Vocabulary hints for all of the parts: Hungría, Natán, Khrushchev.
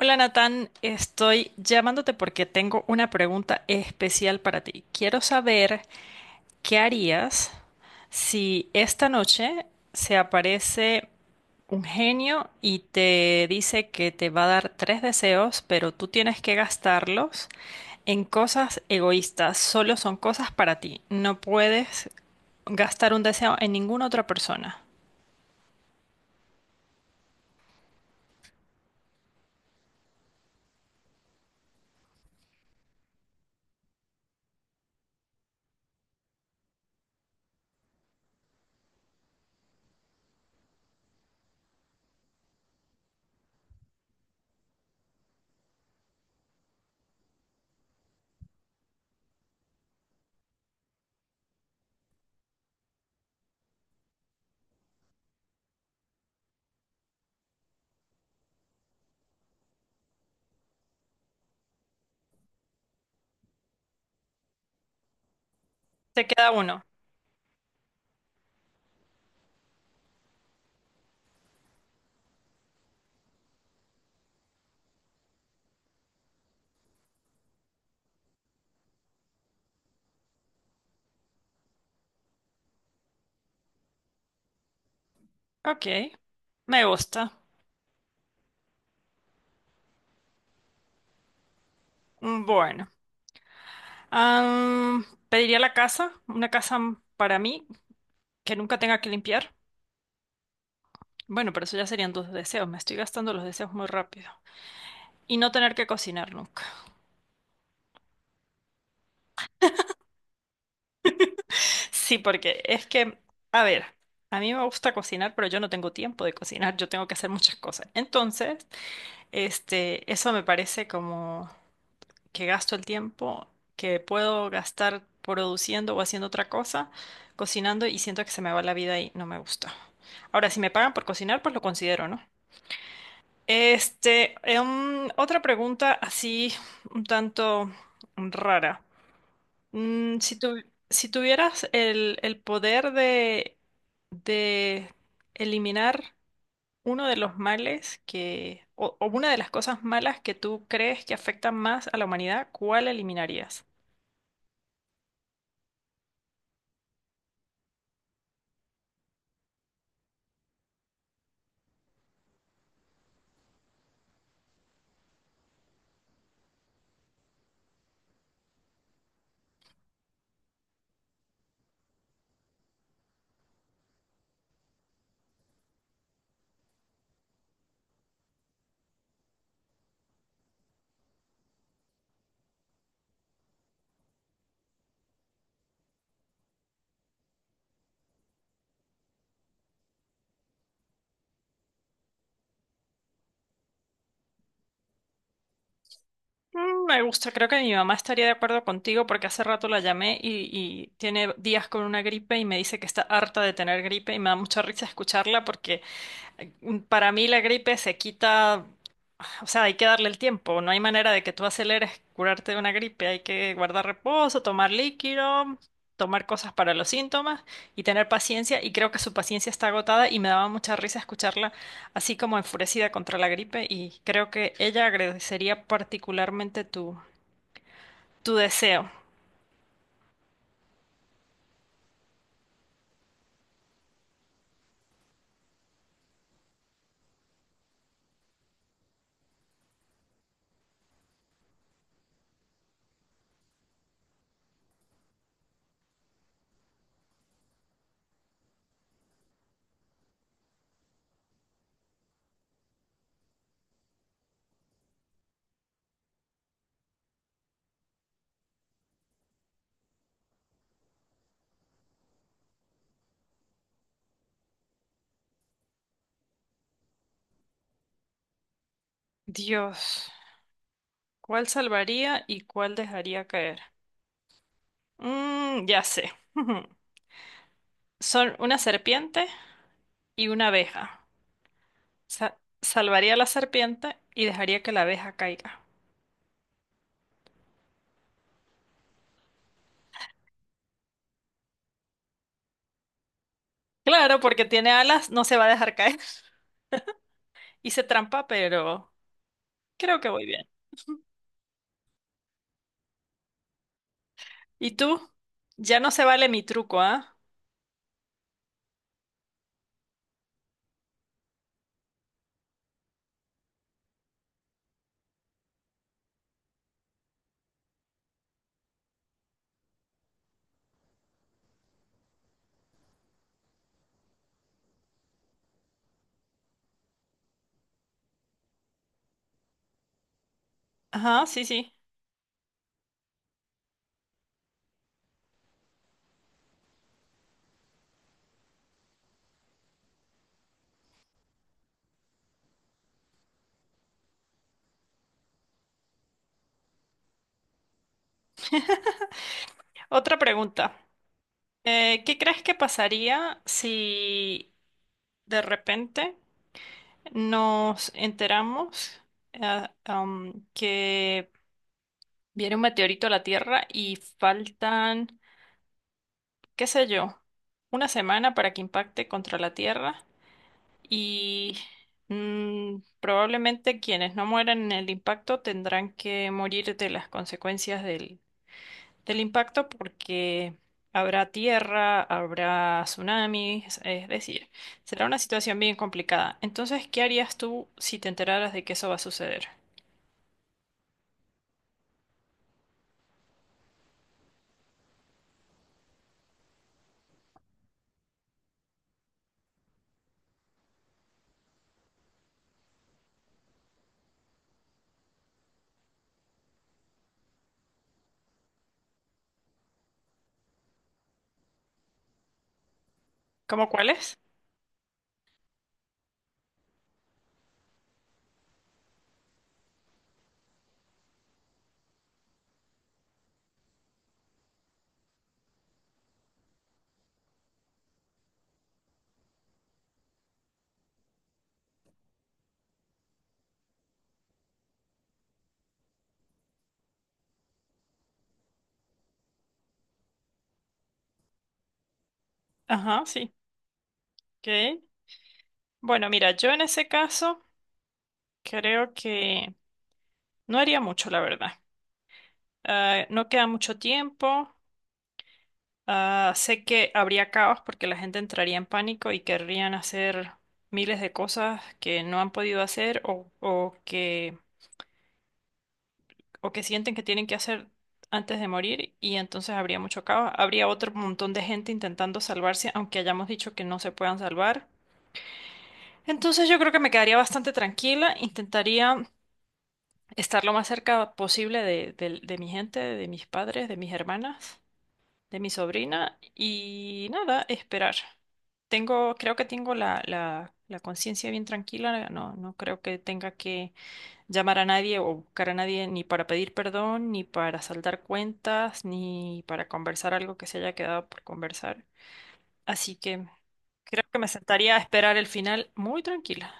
Hola Natán, estoy llamándote porque tengo una pregunta especial para ti. Quiero saber qué harías si esta noche se aparece un genio y te dice que te va a dar tres deseos, pero tú tienes que gastarlos en cosas egoístas. Solo son cosas para ti. No puedes gastar un deseo en ninguna otra persona. Te queda uno. Ok, me gusta. Bueno. Am, Pediría la casa, una casa para mí que nunca tenga que limpiar. Bueno, pero eso ya serían dos deseos. Me estoy gastando los deseos muy rápido. Y no tener que cocinar nunca. Sí, porque es que, a ver, a mí me gusta cocinar, pero yo no tengo tiempo de cocinar. Yo tengo que hacer muchas cosas. Entonces, eso me parece como que gasto el tiempo que puedo gastar produciendo o haciendo otra cosa, cocinando y siento que se me va la vida y no me gusta. Ahora, si me pagan por cocinar, pues lo considero, ¿no? Otra pregunta así un tanto rara. Mm, si tu- si tuvieras el poder de eliminar uno de los males que, o una de las cosas malas que tú crees que afectan más a la humanidad, ¿cuál eliminarías? Me gusta, creo que mi mamá estaría de acuerdo contigo porque hace rato la llamé y tiene días con una gripe y me dice que está harta de tener gripe y me da mucha risa escucharla porque... Para mí la gripe se quita, o sea, hay que darle el tiempo, no hay manera de que tú aceleres curarte de una gripe, hay que guardar reposo, tomar líquido, tomar cosas para los síntomas y tener paciencia y creo que su paciencia está agotada y me daba mucha risa escucharla así como enfurecida contra la gripe y creo que ella agradecería particularmente tu deseo. Dios, ¿cuál salvaría y cuál dejaría caer? Mm, ya sé. Son una serpiente y una abeja. Salvaría a la serpiente y dejaría que la abeja caiga. Claro, porque tiene alas, no se va a dejar caer. Hice trampa, pero creo que voy bien. ¿Y tú? Ya no se vale mi truco, ¿ah? Ajá, sí, sí. Otra pregunta. ¿Qué crees que pasaría si de repente nos enteramos que viene un meteorito a la Tierra y faltan qué sé yo, una semana para que impacte contra la Tierra y probablemente quienes no mueran en el impacto tendrán que morir de las consecuencias del impacto porque habrá tierra, habrá tsunamis, es decir, será una situación bien complicada. Entonces, ¿qué harías tú si te enteraras de que eso va a suceder? ¿Cómo cuáles? Ajá, sí. Ok. Bueno, mira, yo en ese caso creo que no haría mucho, la verdad. Ah, no queda mucho tiempo. Ah, sé que habría caos porque la gente entraría en pánico y querrían hacer miles de cosas que no han podido hacer o que sienten que tienen que hacer antes de morir y entonces habría mucho caos. Habría otro montón de gente intentando salvarse, aunque hayamos dicho que no se puedan salvar. Entonces yo creo que me quedaría bastante tranquila. Intentaría estar lo más cerca posible de, de mi gente, de mis padres, de mis hermanas. De mi sobrina y nada, esperar. Tengo, creo que tengo la, la conciencia bien tranquila, no, no creo que tenga que llamar a nadie o buscar a nadie ni para pedir perdón, ni para saldar cuentas, ni para conversar algo que se haya quedado por conversar. Así que creo que me sentaría a esperar el final muy tranquila.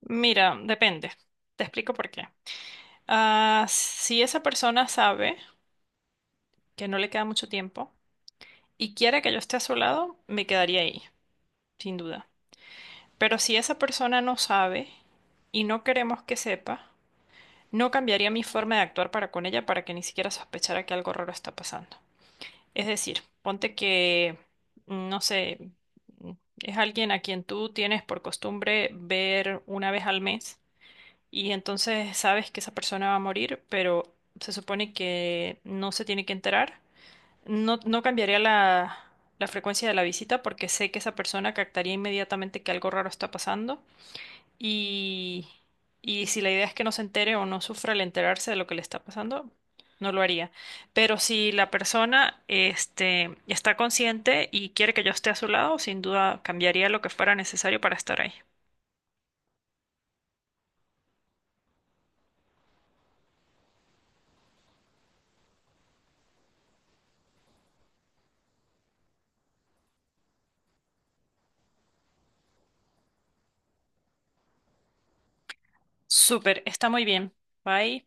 Mira, depende. Te explico por qué. Ah, si esa persona sabe que no le queda mucho tiempo y quiere que yo esté a su lado, me quedaría ahí. Sin duda. Pero si esa persona no sabe y no queremos que sepa, no cambiaría mi forma de actuar para con ella para que ni siquiera sospechara que algo raro está pasando. Es decir, ponte que, no sé, mm, es alguien a quien tú tienes por costumbre ver una vez al mes y entonces sabes que esa persona va a morir, pero se supone que no se tiene que enterar. No, no cambiaría la, la frecuencia de la visita porque sé que esa persona captaría inmediatamente que algo raro está pasando y, y si la idea es que no se entere o no sufra al enterarse de lo que le está pasando, no lo haría. Pero si la persona, este, está consciente y quiere que yo esté a su lado, sin duda cambiaría lo que fuera necesario para estar ahí. Súper, está muy bien. Bye.